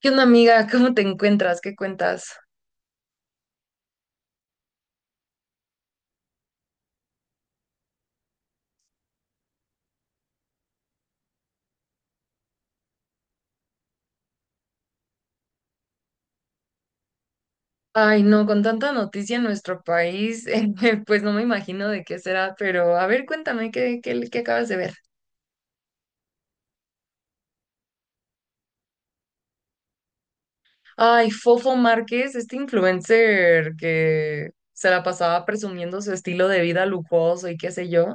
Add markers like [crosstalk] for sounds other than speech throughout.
¿Qué onda, amiga? ¿Cómo te encuentras? ¿Qué cuentas? Ay, no, con tanta noticia en nuestro país, [laughs] pues no me imagino de qué será, pero a ver, cuéntame, ¿qué acabas de ver? Ay, Fofo Márquez, este influencer que se la pasaba presumiendo su estilo de vida lujoso y qué sé yo.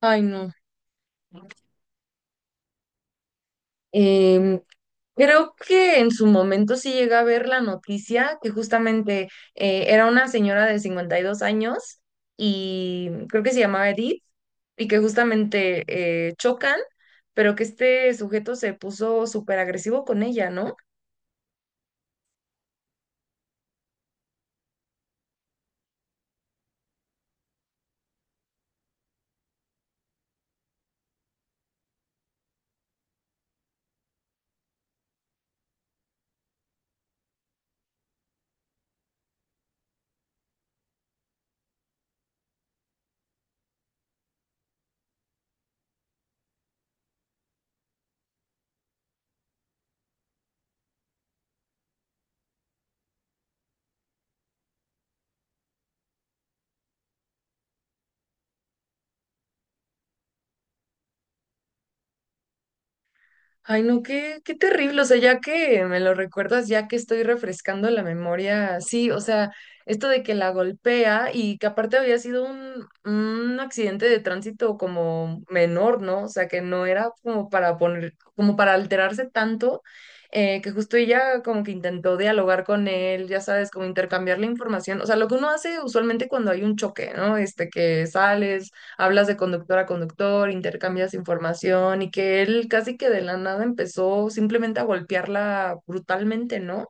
Ay, no. Em, Creo que en su momento sí llegué a ver la noticia que justamente era una señora de 52 años y creo que se llamaba Edith y que justamente chocan, pero que este sujeto se puso súper agresivo con ella, ¿no? Ay, no, qué, qué terrible. O sea, ya que me lo recuerdas, ya que estoy refrescando la memoria, sí, o sea, esto de que la golpea y que aparte había sido un accidente de tránsito como menor, ¿no? O sea, que no era como para poner, como para alterarse tanto, que justo ella como que intentó dialogar con él, ya sabes, como intercambiar la información. O sea, lo que uno hace usualmente cuando hay un choque, ¿no? Este, que sales hablas de conductor a conductor, intercambias información y que él casi que de la nada empezó simplemente a golpearla brutalmente, ¿no?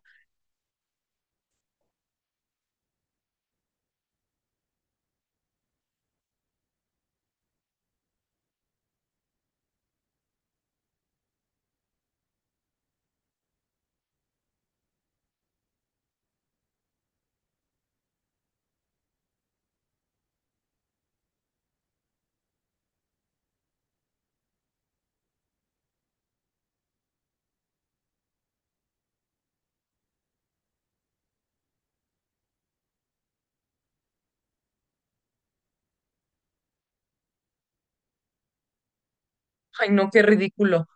Ay, no, qué ridículo.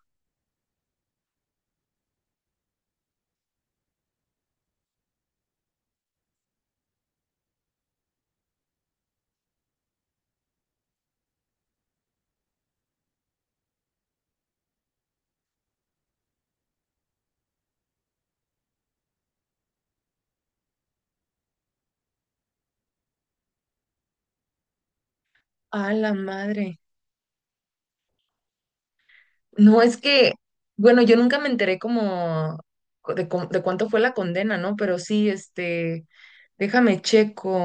A la madre. No, es que, bueno, yo nunca me enteré como de cuánto fue la condena, ¿no? Pero sí, este, déjame checo.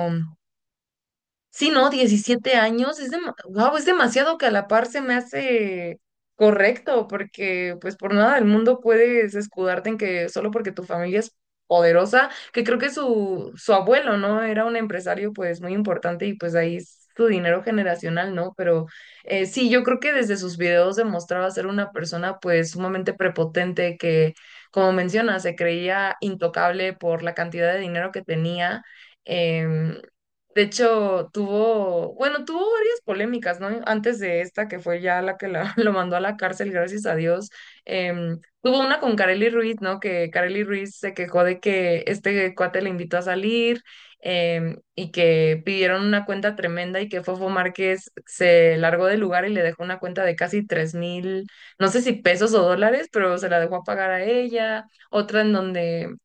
Sí, no, 17 años, es, guau, es demasiado que a la par se me hace correcto, porque pues por nada del mundo puedes escudarte en que solo porque tu familia es poderosa, que creo que su abuelo, ¿no? Era un empresario pues muy importante y pues ahí es su dinero generacional, ¿no? Pero sí, yo creo que desde sus videos demostraba ser una persona pues sumamente prepotente que, como menciona, se creía intocable por la cantidad de dinero que tenía. em, de hecho, tuvo, bueno, tuvo varias polémicas, ¿no? Antes de esta, que fue ya la [laughs] lo mandó a la cárcel, gracias a Dios. Tuvo una con Kareli Ruiz, ¿no? Que Kareli Ruiz se quejó de que este cuate le invitó a salir y que pidieron una cuenta tremenda y que Fofo Márquez se largó del lugar y le dejó una cuenta de casi 3000, no sé si pesos o dólares, pero se la dejó a pagar a ella. Otra en donde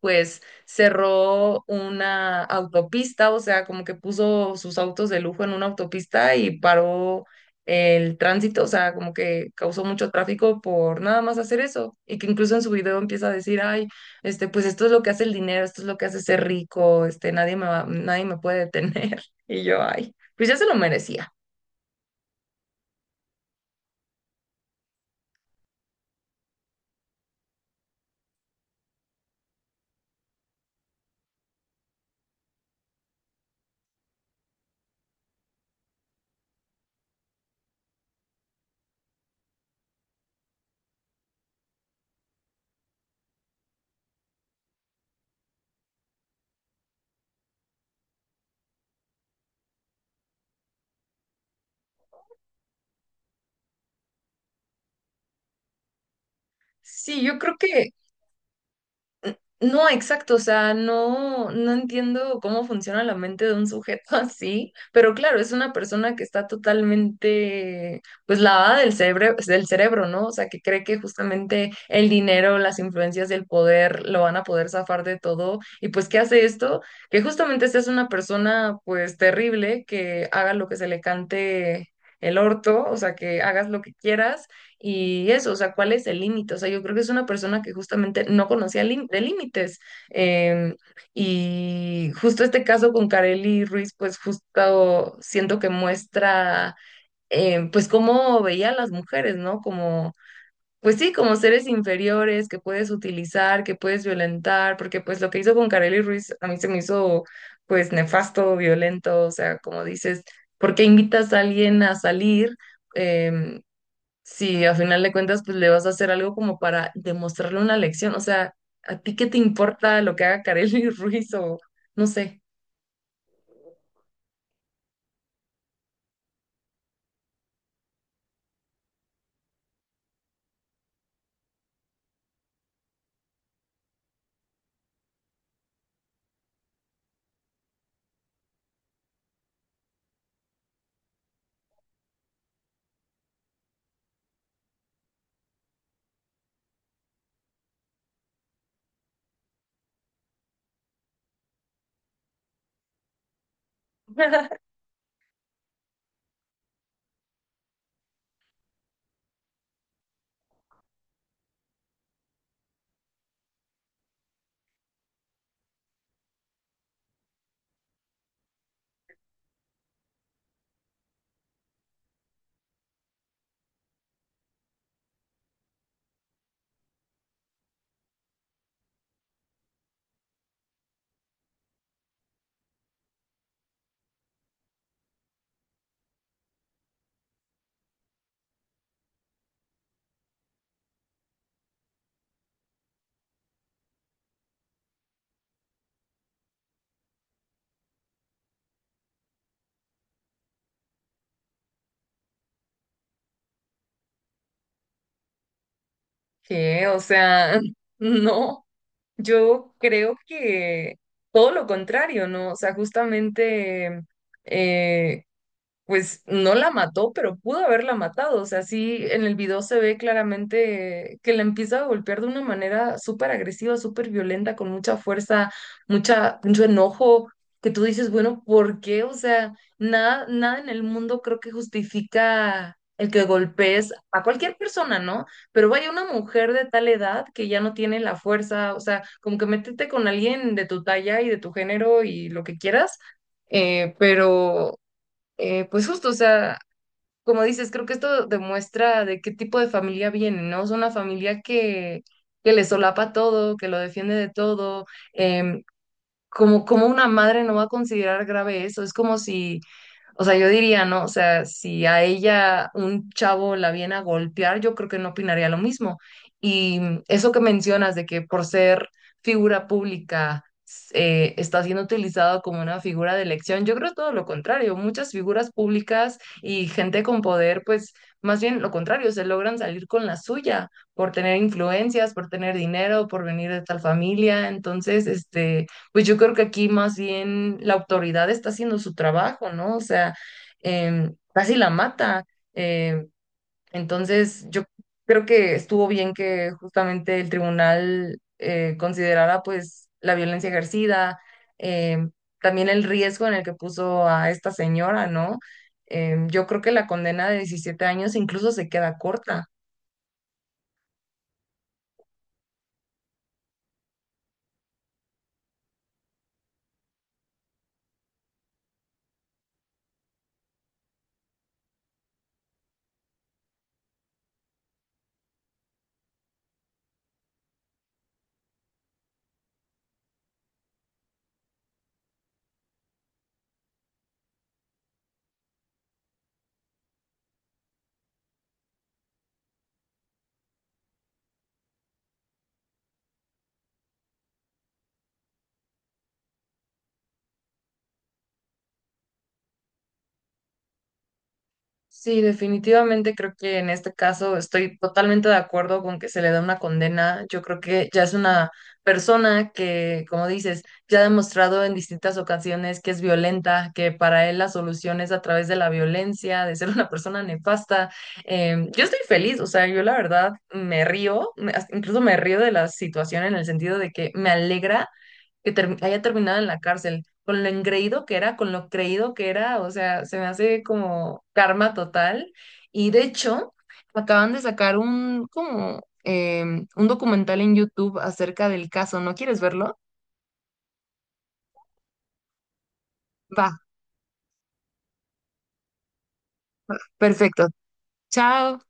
pues cerró una autopista, o sea, como que puso sus autos de lujo en una autopista y paró el tránsito, o sea, como que causó mucho tráfico por nada más hacer eso. Y que incluso en su video empieza a decir, ay, este, pues esto es lo que hace el dinero, esto es lo que hace ser rico, este, nadie me puede detener. [laughs] Y yo, ay, pues ya se lo merecía. Sí, yo creo que no, exacto, o sea, no, no entiendo cómo funciona la mente de un sujeto [laughs] así, pero claro, es una persona que está totalmente, pues, lavada del cerebro, ¿no? O sea, que cree que justamente el dinero, las influencias del poder lo van a poder zafar de todo. Y pues, ¿qué hace esto? Que justamente seas una persona, pues, terrible, que haga lo que se le cante el orto, o sea, que hagas lo que quieras y eso, o sea, ¿cuál es el límite? O sea, yo creo que es una persona que justamente no conocía lim- de límites. Em, y justo este caso con Kareli Ruiz, pues justo siento que muestra, pues cómo veía a las mujeres, ¿no? Como, pues sí, como seres inferiores que puedes utilizar, que puedes violentar, porque pues lo que hizo con Kareli Ruiz a mí se me hizo, pues, nefasto, violento, o sea, como dices, ¿por qué invitas a alguien a salir? em, si a final de cuentas pues le vas a hacer algo como para demostrarle una lección, o sea, ¿a ti qué te importa lo que haga Kareli [laughs] Ruiz o no sé? [laughs] ¿Qué? O sea, [laughs] no, yo creo que todo lo contrario, ¿no? O sea, justamente eh, pues no la mató, pero pudo haberla matado. O sea, sí, en el video se ve claramente que la empieza a golpear de una manera súper agresiva, súper violenta, con mucha fuerza, mucha, mucho enojo, que tú dices, bueno, ¿por qué? O sea, nada, nada en el mundo creo que justifica el que golpees a cualquier persona, ¿no? Pero vaya una mujer de tal edad que ya no tiene la fuerza, o sea, como que métete con alguien de tu talla y de tu género y lo que quieras. Pero pues justo, o sea, como dices, creo que esto demuestra de qué tipo de familia viene, ¿no? Es una familia que le solapa todo, que lo defiende de todo. em, Como, como una madre no va a considerar grave eso. Es como si o sea, yo diría, ¿no? O sea, si a ella un chavo la viene a golpear, yo creo que no opinaría lo mismo. Y eso que mencionas de que por ser figura pública está siendo utilizado como una figura de elección, yo creo es todo lo contrario. Muchas figuras públicas y gente con poder, pues más bien lo contrario, se logran salir con la suya por tener influencias, por tener dinero, por venir de tal familia. Entonces, este... Pues yo creo que aquí más bien la autoridad está haciendo su trabajo, ¿no? O sea, casi la mata. Em, entonces, yo creo que estuvo bien que justamente el tribunal considerara pues la violencia ejercida, em, también el riesgo en el que puso a esta señora, ¿no? Yo creo que la condena de 17 años incluso se queda corta. Sí, definitivamente creo que en este caso estoy totalmente de acuerdo con que se le da una condena. Yo creo que ya es una persona que, como dices, ya ha demostrado en distintas ocasiones que es violenta, que para él la solución es a través de la violencia, de ser una persona nefasta. Yo estoy feliz, o sea, yo la verdad me río, hasta incluso me río de la situación en el sentido de que me alegra que haya terminado en la cárcel, con lo engreído que era, con lo creído que era, o sea, se me hace como karma total. Y de hecho, acaban de sacar un, como, un documental en YouTube acerca del caso. ¿No quieres verlo? Va, perfecto. Chao.